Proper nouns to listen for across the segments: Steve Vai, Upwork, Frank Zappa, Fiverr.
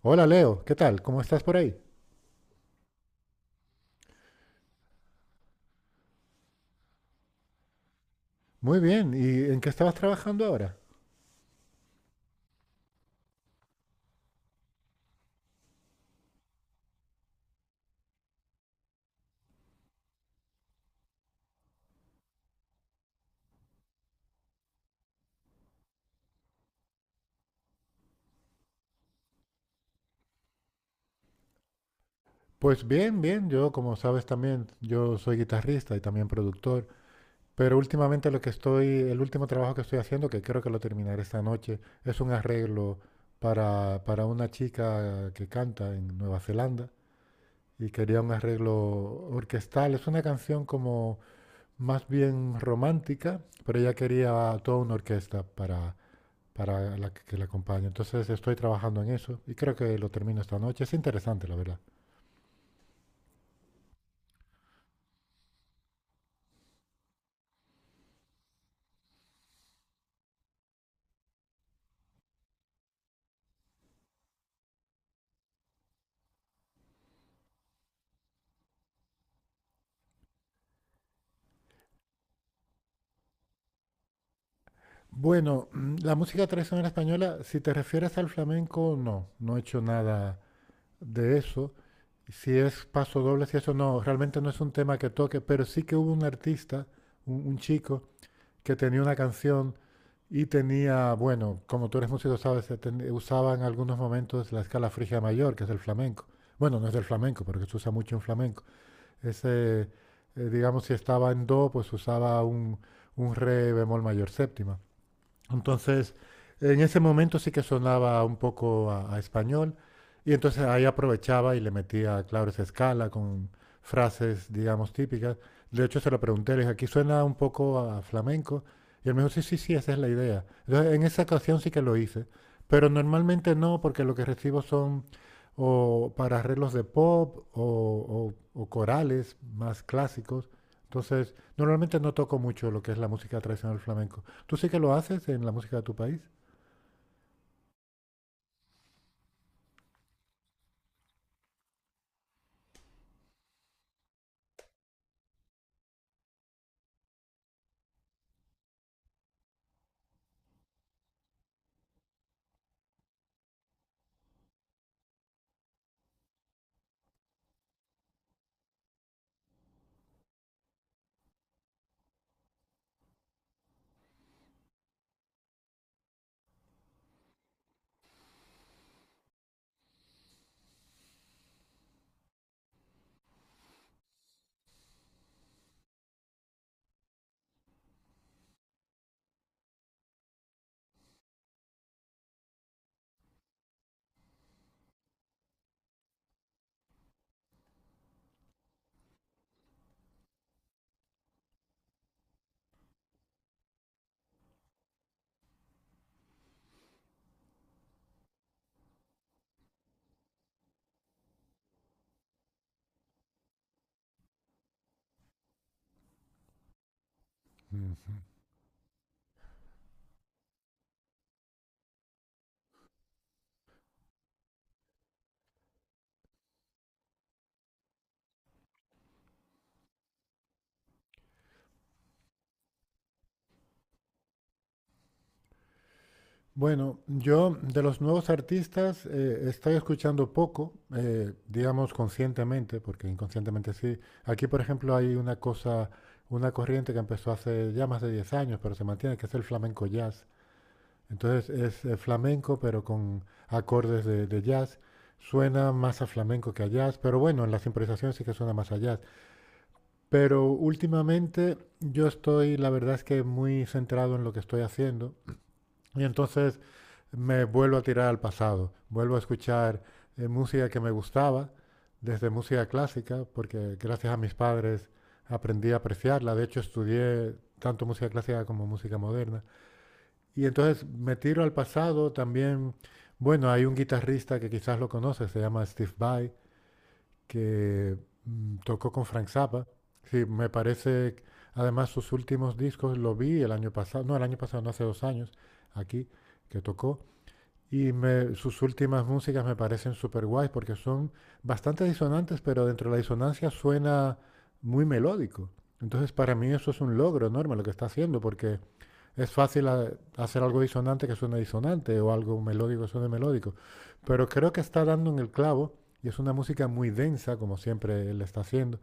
Hola Leo, ¿qué tal? ¿Cómo estás por ahí? Muy bien, ¿y en qué estabas trabajando ahora? Pues bien, bien, yo como sabes también, yo soy guitarrista y también productor, pero últimamente lo que estoy, el último trabajo que estoy haciendo, que creo que lo terminaré esta noche, es un arreglo para una chica que canta en Nueva Zelanda y quería un arreglo orquestal. Es una canción como más bien romántica, pero ella quería toda una orquesta para la que la acompañe. Entonces estoy trabajando en eso y creo que lo termino esta noche. Es interesante, la verdad. Bueno, la música tradicional española, si te refieres al flamenco, no, no he hecho nada de eso. Si es paso doble, si eso no, realmente no es un tema que toque, pero sí que hubo un artista, un chico, que tenía una canción y tenía, bueno, como tú eres músico, sabes, se usaba en algunos momentos la escala frigia mayor, que es el flamenco. Bueno, no es del flamenco, porque se usa mucho en flamenco. Ese, digamos, si estaba en do, pues usaba un re bemol mayor séptima. Entonces, en ese momento sí que sonaba un poco a español y entonces ahí aprovechaba y le metía, claro, esa escala con frases, digamos, típicas. De hecho, se lo pregunté, le dije, aquí suena un poco a flamenco. Y él me dijo, sí, sí, sí, esa es la idea. Entonces, en esa ocasión sí que lo hice, pero normalmente no, porque lo que recibo son o para arreglos de pop o corales más clásicos. Entonces, normalmente no toco mucho lo que es la música tradicional flamenco. ¿Tú sí que lo haces en la música de tu país? Ujú. Bueno, yo de los nuevos artistas estoy escuchando poco, digamos conscientemente, porque inconscientemente sí. Aquí, por ejemplo, hay una cosa, una corriente que empezó hace ya más de 10 años, pero se mantiene, que es el flamenco jazz. Entonces es flamenco, pero con acordes de jazz. Suena más a flamenco que a jazz, pero bueno, en las improvisaciones sí que suena más a jazz. Pero últimamente yo estoy, la verdad es que muy centrado en lo que estoy haciendo y entonces me vuelvo a tirar al pasado, vuelvo a escuchar música que me gustaba, desde música clásica, porque gracias a mis padres aprendí a apreciarla, de hecho estudié tanto música clásica como música moderna, y entonces me tiro al pasado también. Bueno, hay un guitarrista que quizás lo conoces, se llama Steve Vai, que tocó con Frank Zappa. Sí, me parece, además sus últimos discos lo vi el año pasado, no el año pasado, no hace 2 años, aquí, que tocó. Sus últimas músicas me parecen súper guays porque son bastante disonantes, pero dentro de la disonancia suena muy melódico. Entonces, para mí eso es un logro enorme lo que está haciendo, porque es fácil hacer algo disonante que suene disonante o algo melódico que suene melódico. Pero creo que está dando en el clavo y es una música muy densa, como siempre él está haciendo.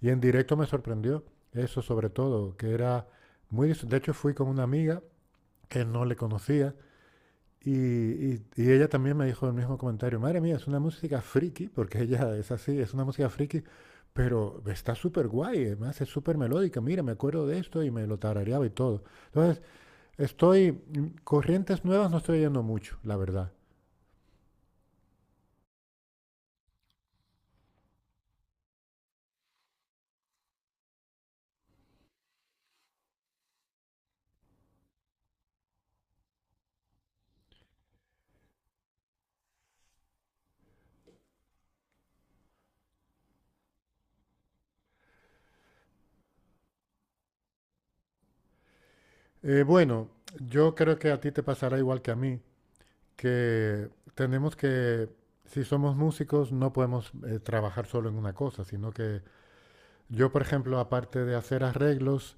Y en directo me sorprendió eso sobre todo, que era muy de hecho fui con una amiga que no le conocía y ella también me dijo el mismo comentario. Madre mía, es una música friki, porque ella es así, es una música friki, pero está súper guay, además es súper melódica. Mira, me acuerdo de esto y me lo tarareaba y todo. Entonces, estoy, corrientes nuevas no estoy yendo mucho, la verdad. Bueno, yo creo que a ti te pasará igual que a mí, que tenemos que, si somos músicos, no podemos trabajar solo en una cosa, sino que yo, por ejemplo, aparte de hacer arreglos,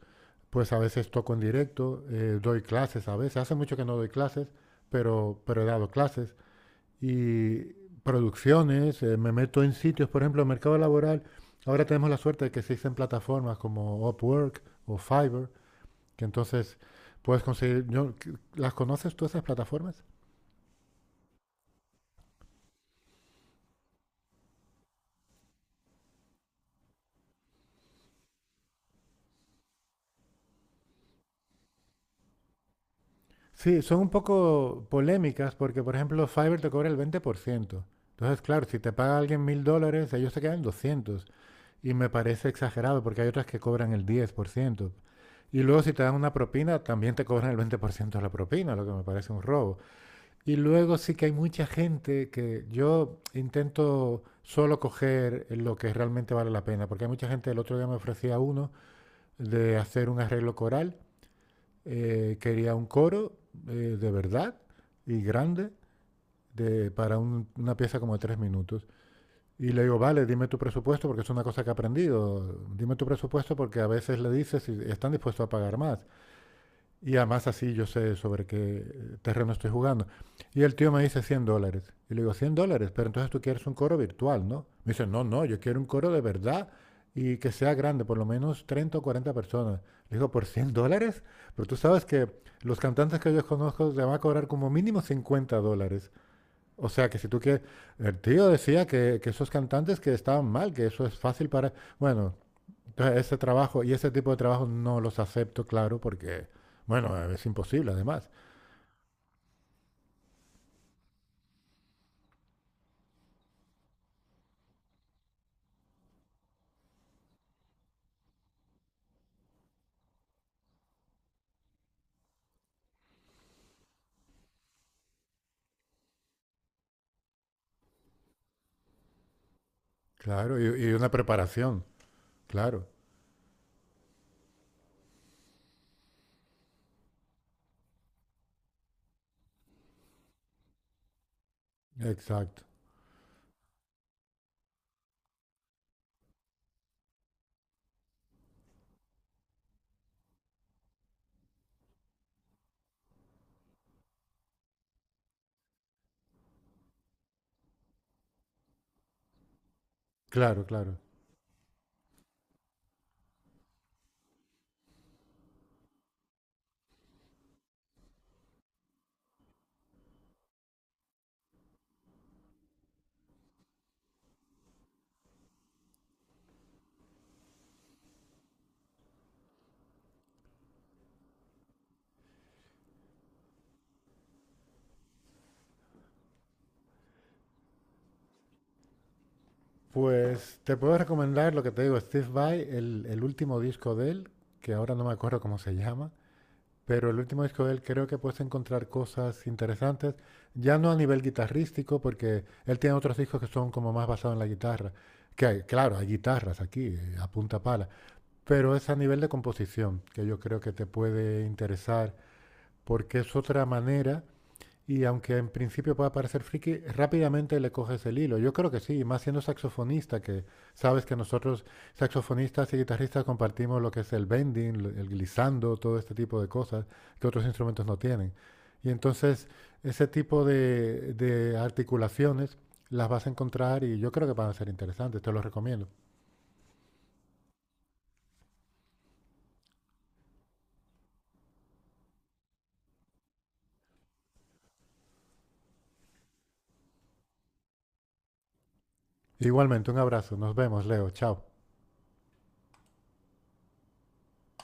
pues a veces toco en directo, doy clases a veces. Hace mucho que no doy clases, pero he dado clases. Y producciones, me meto en sitios, por ejemplo, el mercado laboral. Ahora tenemos la suerte de que existen plataformas como Upwork o Fiverr, que entonces puedes conseguir, yo, ¿las conoces tú esas plataformas? Sí, son un poco polémicas porque, por ejemplo, Fiverr te cobra el 20%. Entonces, claro, si te paga alguien $1000, ellos te quedan 200. Y me parece exagerado porque hay otras que cobran el 10%. Y luego si te dan una propina, también te cobran el 20% de la propina, lo que me parece un robo. Y luego sí que hay mucha gente que yo intento solo coger lo que realmente vale la pena, porque hay mucha gente, el otro día me ofrecía uno de hacer un arreglo coral, quería un coro de verdad y grande de, para una pieza como de 3 minutos. Y le digo, vale, dime tu presupuesto, porque es una cosa que he aprendido, dime tu presupuesto porque a veces le dices si están dispuestos a pagar más. Y además así yo sé sobre qué terreno estoy jugando. Y el tío me dice $100. Y le digo, $100, pero entonces tú quieres un coro virtual, ¿no? Me dice, no, no, yo quiero un coro de verdad y que sea grande, por lo menos 30 o 40 personas. Le digo, ¿por $100? Pero tú sabes que los cantantes que yo conozco te van a cobrar como mínimo $50. O sea que si tú quieres, el tío decía que esos cantantes que estaban mal, que eso es fácil para, bueno, entonces, ese trabajo y ese tipo de trabajo no los acepto, claro, porque, bueno, es imposible además. Claro, y una preparación, claro. Exacto. Claro, claro. Pues te puedo recomendar lo que te digo, Steve Vai, el último disco de él, que ahora no me acuerdo cómo se llama, pero el último disco de él creo que puedes encontrar cosas interesantes, ya no a nivel guitarrístico, porque él tiene otros discos que son como más basados en la guitarra, que hay, claro, hay guitarras aquí, a punta pala, pero es a nivel de composición, que yo creo que te puede interesar, porque es otra manera y aunque en principio pueda parecer friki, rápidamente le coges el hilo. Yo creo que sí, más siendo saxofonista, que sabes que nosotros saxofonistas y guitarristas compartimos lo que es el bending, el glissando, todo este tipo de cosas que otros instrumentos no tienen. Y entonces ese tipo de articulaciones las vas a encontrar y yo creo que van a ser interesantes, te los recomiendo. Igualmente, un abrazo, nos vemos, Leo, chao.